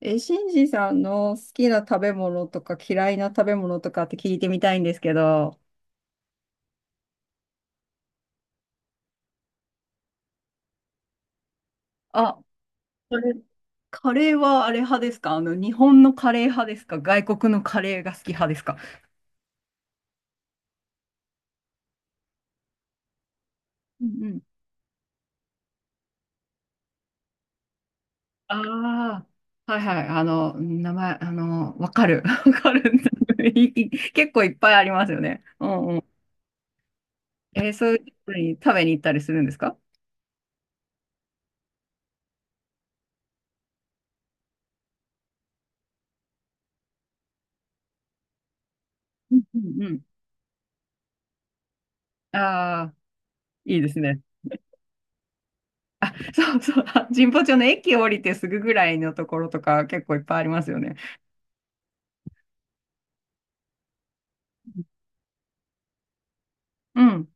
え、シンジさんの好きな食べ物とか嫌いな食べ物とかって聞いてみたいんですけど。あ、それカレーはあれ派ですか？日本のカレー派ですか、外国のカレーが好き派ですか？うんうん。ああ、はいはい。名前、わかる。わかる。いい、結構いっぱいありますよね。うんうん。そういうところに食べに行ったりするんですか？うんうんうん。ああ、いいですね。あ、そうそう、あ、神保町の駅降りてすぐぐらいのところとか結構いっぱいありますよね。うん。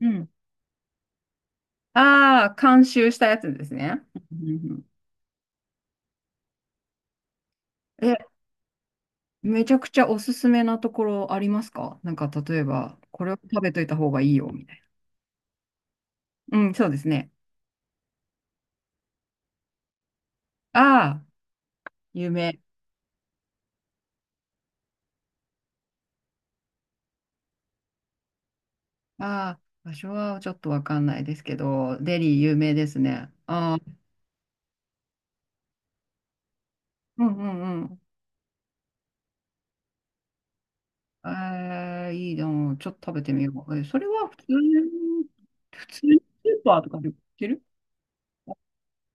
うん。ああ、監修したやつですね。うんうんうん。え、めちゃくちゃおすすめなところありますか？なんか例えば、これを食べといた方がいいよ、みたいな。うん、そうですね。ああ、有名。ああ、場所はちょっとわかんないですけど、デリー有名ですね。ああ、うんうん。えー、いいの、ちょっと食べてみよう。えそれは普通に、普通にスーパーとかで売ってる？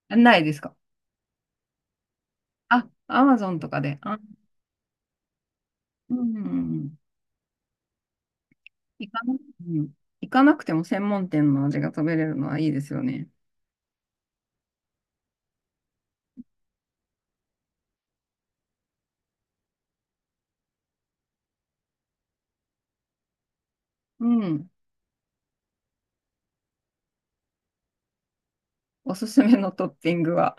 あないですか？あ、アマゾンとかで。あ、うん。行かな、うん、行かなくても専門店の味が食べれるのはいいですよね。うん。おすすめのトッピングは。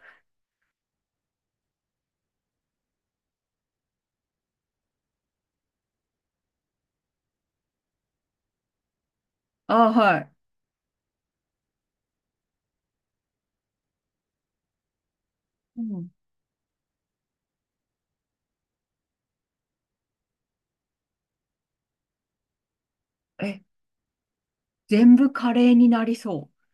あ、はい。うん、え、全部カレーになりそう。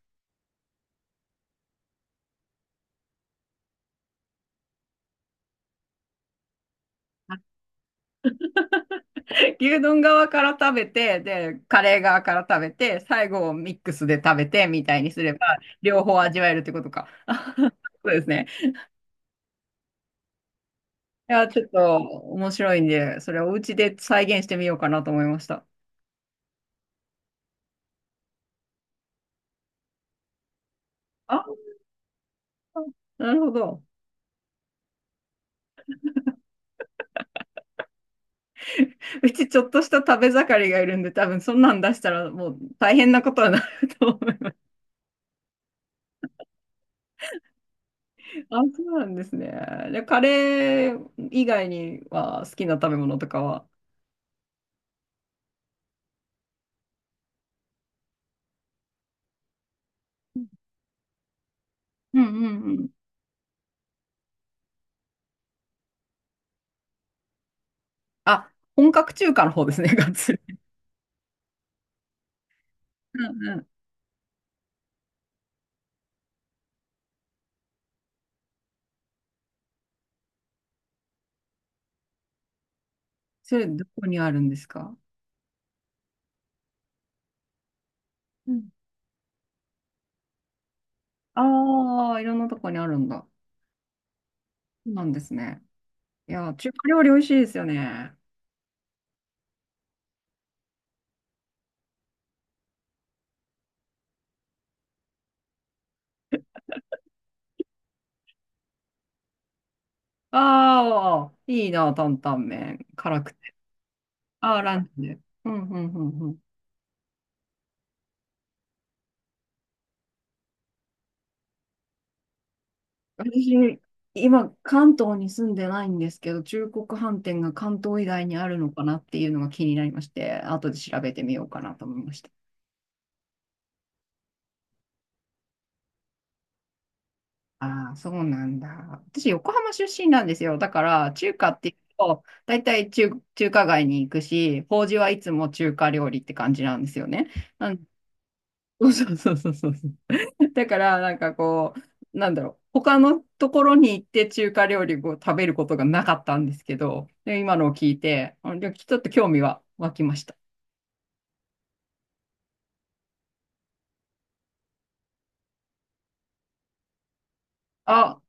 牛丼側から食べて、で、カレー側から食べて、最後ミックスで食べてみたいにすれば、両方味わえるってことか。あ、そうですね。いや、ちょっと面白いんで、それをお家で再現してみようかなと思いました。あ、なるほど。うちちょっとした食べ盛りがいるんで、多分そんなん出したらもう大変なことになると思います。あ、そうなんですね。で、カレー以外には好きな食べ物とかは。うんうんうん。あ、本格中華の方ですね、がっつ。うんうん。それ、どこにあるんですか？うん。ああー、いろんなとこにあるんだ。そうなんですね。いや、中華料理美味しいですよね。ああ、いいな、担々麺。辛くて。ああ、ランチで。うんうんうんうん。私、今、関東に住んでないんですけど、中国飯店が関東以外にあるのかなっていうのが気になりまして、後で調べてみようかなと思いました。ああ、そうなんだ。私、横浜出身なんですよ。だから、中華っていうと、大体中、中華街に行くし、法事はいつも中華料理って感じなんですよね。なん、そうそうそうそうそう。だから、なんかこう、なんだろう、他のところに行って中華料理を食べることがなかったんですけど、で今のを聞いて、あ、でちょっと興味は湧きました。あ、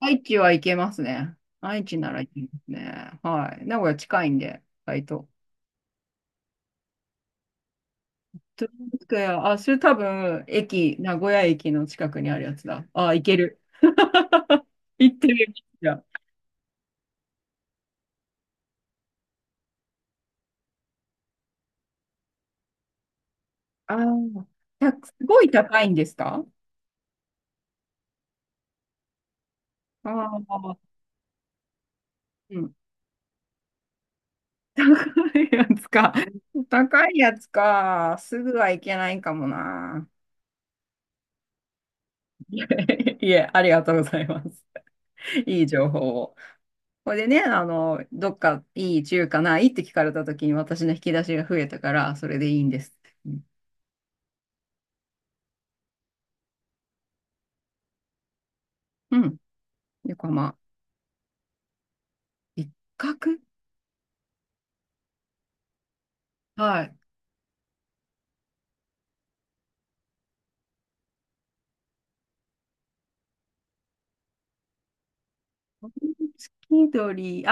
愛知は行けますね。愛知なら行けますね。はい。名古屋近いんで、意外と。トゥルンスクエア、あ、それ多分、駅、名古屋駅の近くにあるやつだ。あ、行ける。行ってみる。じゃあ、あー、たすごい高いんですか？ああ、うん。高いやつか。高いやつか。すぐはいけないかもな。いえ、ありがとうございます。いい情報を。これでね、どっかいい中華ないって聞かれた時に私の引き出しが増えたから、それでいいんです。うん。うん、横浜。一角。はい。月鳥、あ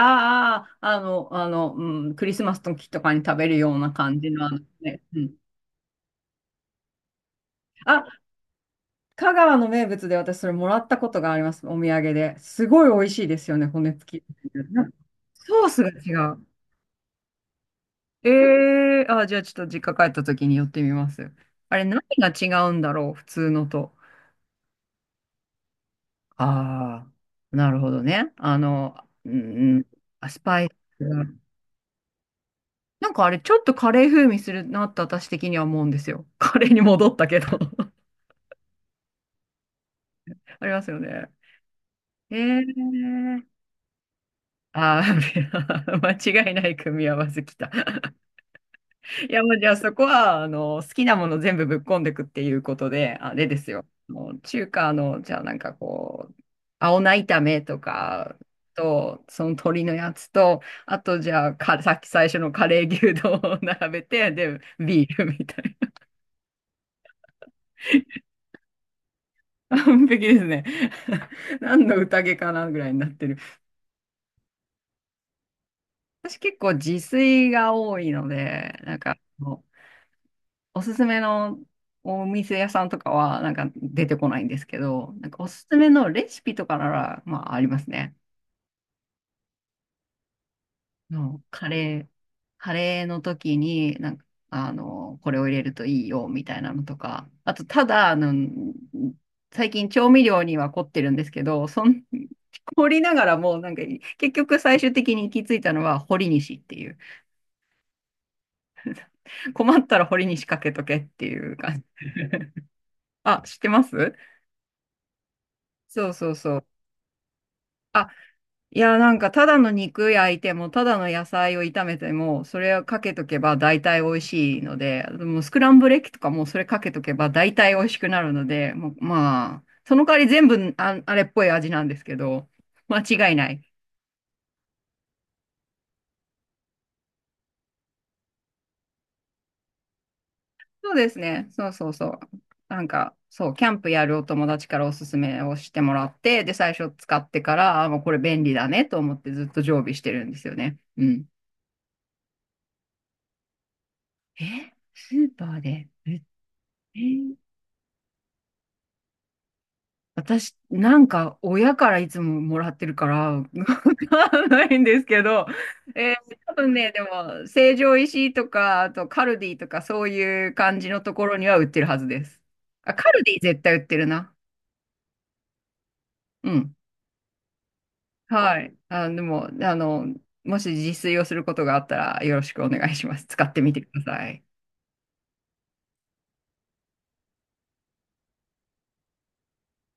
ーあー、うん、クリスマスの時とかに食べるような感じの、あのね、うん。あ、香川の名物で私それもらったことがあります、お土産で。すごい美味しいですよね、骨付き。な、ソースが違う。えー、あ、じゃあちょっと実家帰った時に寄ってみます。あれ、何が違うんだろう、普通のと。ああ、なるほどね。うん、うん、スパイス。なんかあれ、ちょっとカレー風味するなって私的には思うんですよ。カレーに戻ったけど ありますよね。えー。あー 間違いない組み合わせきた。いや、もうじゃあそこは、好きなもの全部ぶっこんでくっていうことで、あれですよ。もう中華の、じゃあなんかこう、青菜炒めとかと、その鶏のやつと、あとじゃあか、さっき最初のカレー牛丼を 並べて、で、ビールみたいな。完璧ですね。何の宴かなぐらいになってる。私結構自炊が多いので、なんかもうおすすめのお店屋さんとかはなんか出てこないんですけど、なんかおすすめのレシピとかなら、まあありますね。のカレー、カレーの時に、なんか、これを入れるといいよ、みたいなのとか。あと、ただ、最近調味料には凝ってるんですけど、そん、凝りながらも、なんか、結局最終的に行き着いたのは、堀西っていう。困ったら堀西かけとけっていう感じ。あ、知ってます？そうそうそう。いや、なんか、ただの肉焼いても、ただの野菜を炒めても、それをかけとけば大体美味しいので、もうスクランブルエッグとかもそれかけとけば大体美味しくなるので、もう、まあ、その代わり全部あ、あれっぽい味なんですけど、間違いない。そうですね。そうそうそう。なんか、そう、キャンプやるお友達からおすすめをしてもらって、で、最初使ってから、あ、もうこれ便利だねと思ってずっと常備してるんですよね。うん。え、スーパーで売って？私、なんか、親からいつももらってるから、わかんないんですけど、えー、多分ね、でも、成城石井とか、あとカルディとか、そういう感じのところには売ってるはずです。あ、カルディ絶対売ってるな。うん。はい。あ、でも、もし自炊をすることがあったら、よろしくお願いします。使ってみてください。